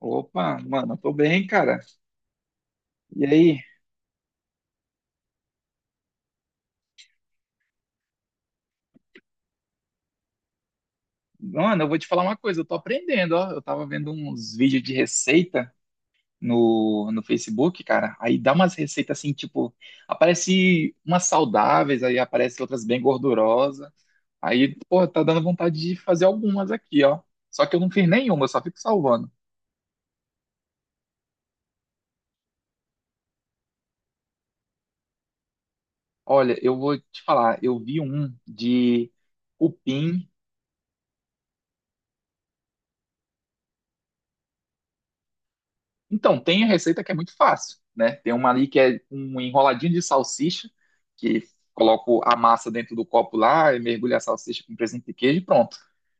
Opa, mano, eu tô bem, cara. E aí? Mano, eu vou te falar uma coisa, eu tô aprendendo, ó. Eu tava vendo uns vídeos de receita no Facebook, cara. Aí dá umas receitas assim, tipo, aparece umas saudáveis, aí aparece outras bem gordurosas. Aí, pô, tá dando vontade de fazer algumas aqui, ó. Só que eu não fiz nenhuma, eu só fico salvando. Olha, eu vou te falar, eu vi um de cupim. Então, tem a receita que é muito fácil, né? Tem uma ali que é um enroladinho de salsicha, que coloco a massa dentro do copo lá, e mergulho a salsicha com presunto e queijo e pronto.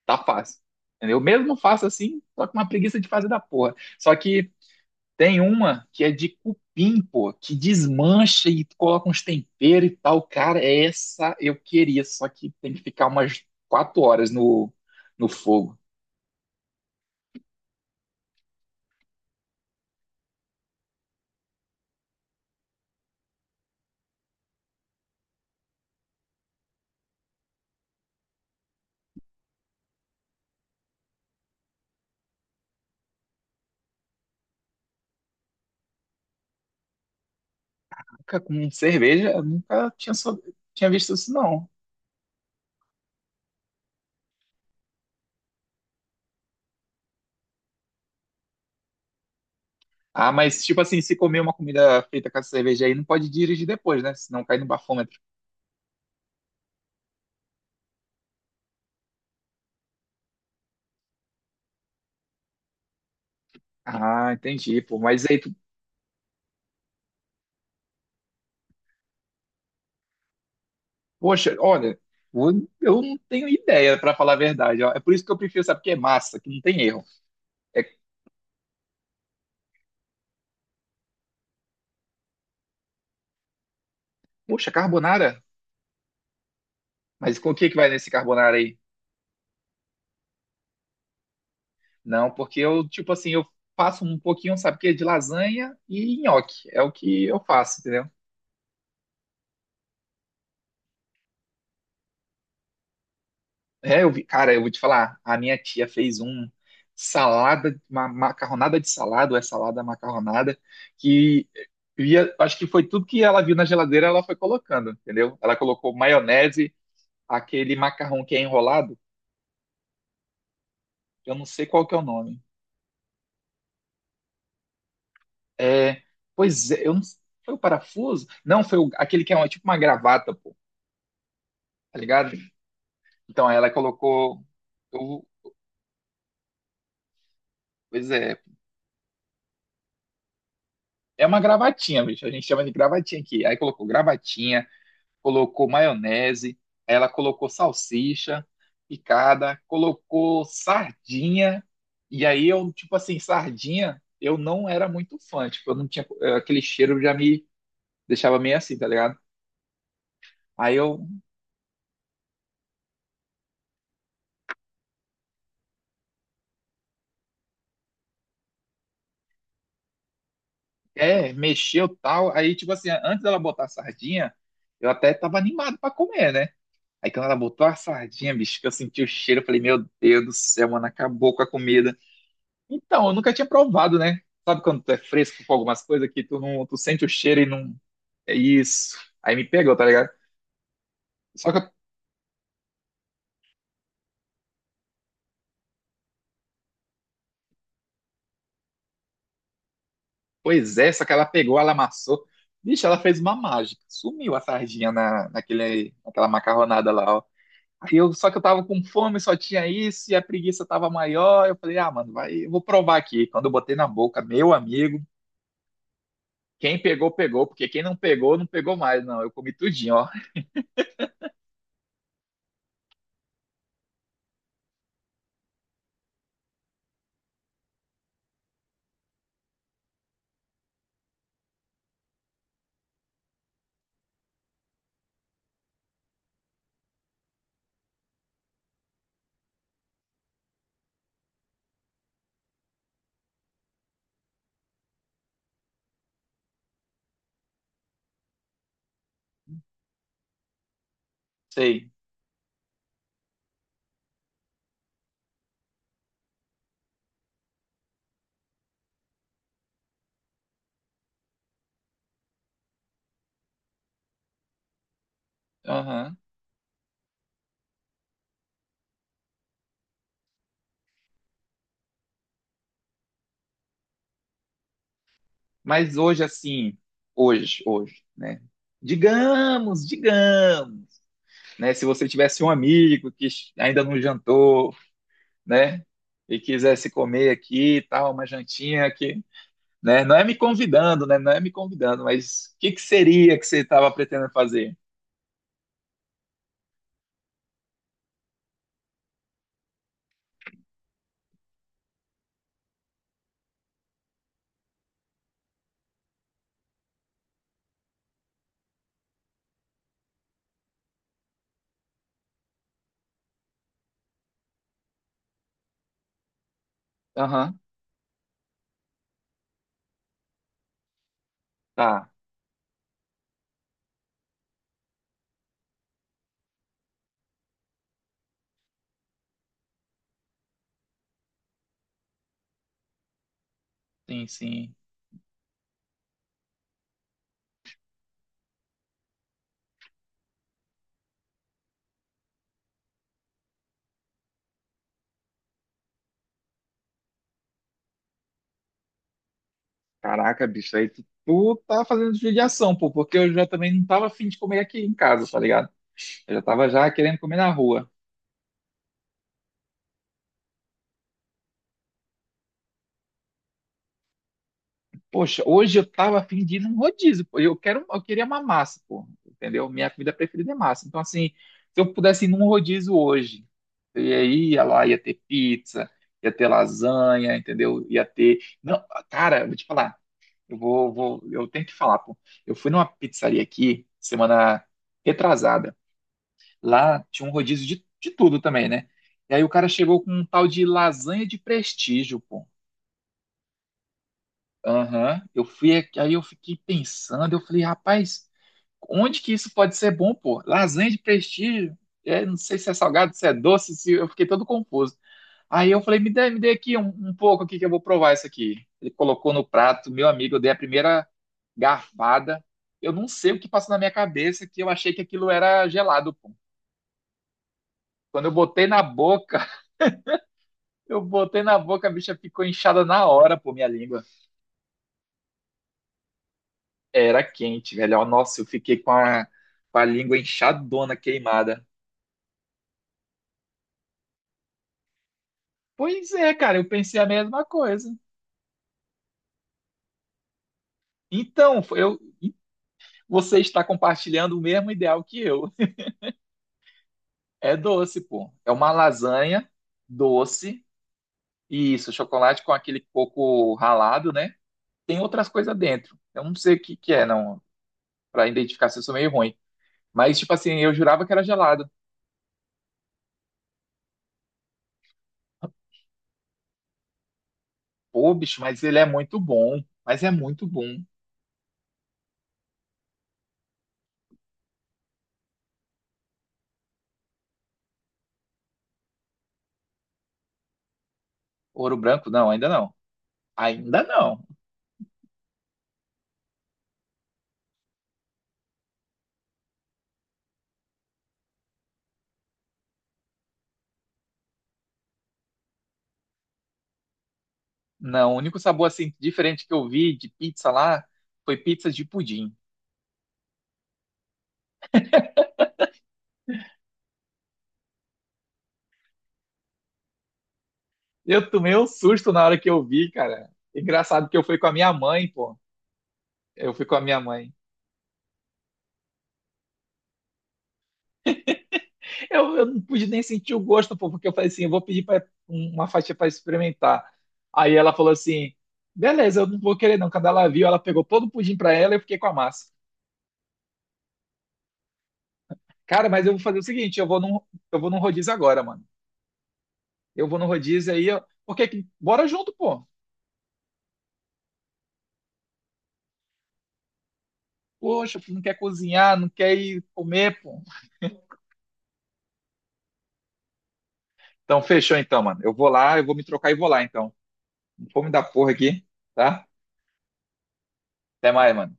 Tá fácil. Entendeu? Eu mesmo faço assim, só com uma preguiça de fazer da porra. Só que tem uma que é de cupim, pô, que desmancha e coloca uns temperos e tal. Cara, essa eu queria, só que tem que ficar umas quatro horas no, no fogo. Nunca com cerveja, eu nunca tinha, tinha visto isso, não. Ah, mas tipo assim, se comer uma comida feita com essa cerveja aí, não pode dirigir depois, né? Senão cai no bafômetro. Ah, entendi, pô. Mas aí tu, poxa, olha, eu não tenho ideia, pra falar a verdade, ó. É por isso que eu prefiro, sabe, que é massa, que não tem erro. É, poxa, carbonara? Mas com o que que vai nesse carbonara aí? Não, porque eu, tipo assim, eu faço um pouquinho, sabe o quê? De lasanha e nhoque. É o que eu faço, entendeu? É, eu vi, cara, eu vou te falar, a minha tia fez um salada, uma macarronada de salada, ou é salada macarronada, que eu ia, acho que foi tudo que ela viu na geladeira, ela foi colocando, entendeu? Ela colocou maionese, aquele macarrão que é enrolado, eu não sei qual que é o nome. É, pois é, eu não, foi o parafuso? Não, foi o- aquele que é uma- tipo uma gravata, pô, tá ligado? Então ela colocou, eu- pois é, é uma gravatinha, bicho, a gente chama de gravatinha aqui. Aí colocou gravatinha, colocou maionese, aí ela colocou salsicha picada, colocou sardinha, e aí eu, tipo assim, sardinha, eu não era muito fã, tipo, eu não tinha, aquele cheiro já me deixava meio assim, tá ligado? Aí eu, é, mexeu tal, aí tipo assim, antes dela botar a sardinha, eu até tava animado pra comer, né? Aí quando ela botou a sardinha, bicho, que eu senti o cheiro, eu falei, meu Deus do céu, mano, acabou com a comida. Então, eu nunca tinha provado, né? Sabe quando tu é fresco com algumas coisas que tu não, tu sente o cheiro e não. É isso. Aí me pegou, tá ligado? Só que, pois é, só que ela pegou, ela amassou. Bicho, ela fez uma mágica. Sumiu a sardinha na, naquele, naquela macarronada lá, ó. Aí eu, só que eu tava com fome, só tinha isso, e a preguiça tava maior. Eu falei, ah, mano, vai, eu vou provar aqui. Quando eu botei na boca, meu amigo, quem pegou, pegou, porque quem não pegou, não pegou mais, não. Eu comi tudinho, ó. Sei. Aham. Mas hoje, assim, hoje, hoje, né? Digamos, digamos, né? Se você tivesse um amigo que ainda não jantou, né? E quisesse comer aqui e tal, uma jantinha aqui, né? Não é me convidando, né? Não é me convidando, mas o que que seria que você estava pretendendo fazer? Aham, tá. Sim, sim. Caraca, bicho, aí tu, tá fazendo judiação, pô, porque eu já também não tava afim de comer aqui em casa, tá ligado? Eu já tava já querendo comer na rua. Poxa, hoje eu tava afim de ir num rodízio, pô. Eu queria uma massa, pô, entendeu? Minha comida preferida é massa. Então, assim, se eu pudesse ir num rodízio hoje, eu ia lá, ia ter pizza, ia ter lasanha, entendeu? Ia ter. Não, cara, eu vou te falar, eu tenho que falar, pô. Eu fui numa pizzaria aqui, semana retrasada. Lá tinha um rodízio de tudo também, né? E aí o cara chegou com um tal de lasanha de prestígio, pô. Aham, eu fui, aí eu fiquei pensando, eu falei, rapaz, onde que isso pode ser bom, pô? Lasanha de prestígio, é, não sei se é salgado, se é doce, se eu fiquei todo confuso. Aí eu falei, me dê aqui um pouco aqui que eu vou provar isso aqui. Ele colocou no prato, meu amigo, eu dei a primeira garfada. Eu não sei o que passou na minha cabeça que eu achei que aquilo era gelado, pô. Quando eu botei na boca, eu botei na boca, a bicha ficou inchada na hora, pô, minha língua. Era quente, velho. Ó, nossa, eu fiquei com a língua inchadona, queimada. Pois é, cara, eu pensei a mesma coisa. Então, você está compartilhando o mesmo ideal que eu. É doce, pô. É uma lasanha doce. E isso, chocolate com aquele coco ralado, né? Tem outras coisas dentro. Eu não sei o que que é, não. Pra identificar se eu sou meio ruim. Mas, tipo assim, eu jurava que era gelado. Pô, bicho, mas ele é muito bom. Mas é muito bom. Ouro branco, não, ainda não. Ainda não. Não, o único sabor assim diferente que eu vi de pizza lá foi pizza de pudim. Eu tomei um susto na hora que eu vi, cara. Engraçado que eu fui com a minha mãe, pô. Eu fui com a minha mãe. Eu não pude nem sentir o gosto, pô, porque eu falei assim, eu vou pedir pra, um, uma fatia para experimentar. Aí ela falou assim, beleza, eu não vou querer não. Quando ela viu, ela pegou todo o pudim pra ela e eu fiquei com a massa. Cara, mas eu vou fazer o seguinte, eu vou num rodízio agora, mano. Eu vou num rodízio aí, ó, porque bora junto, pô. Poxa, não quer cozinhar, não quer ir comer, pô. Então, fechou então, mano. Eu vou lá, eu vou me trocar e vou lá, então. Não vou me dar porra aqui, tá? Até mais, mano.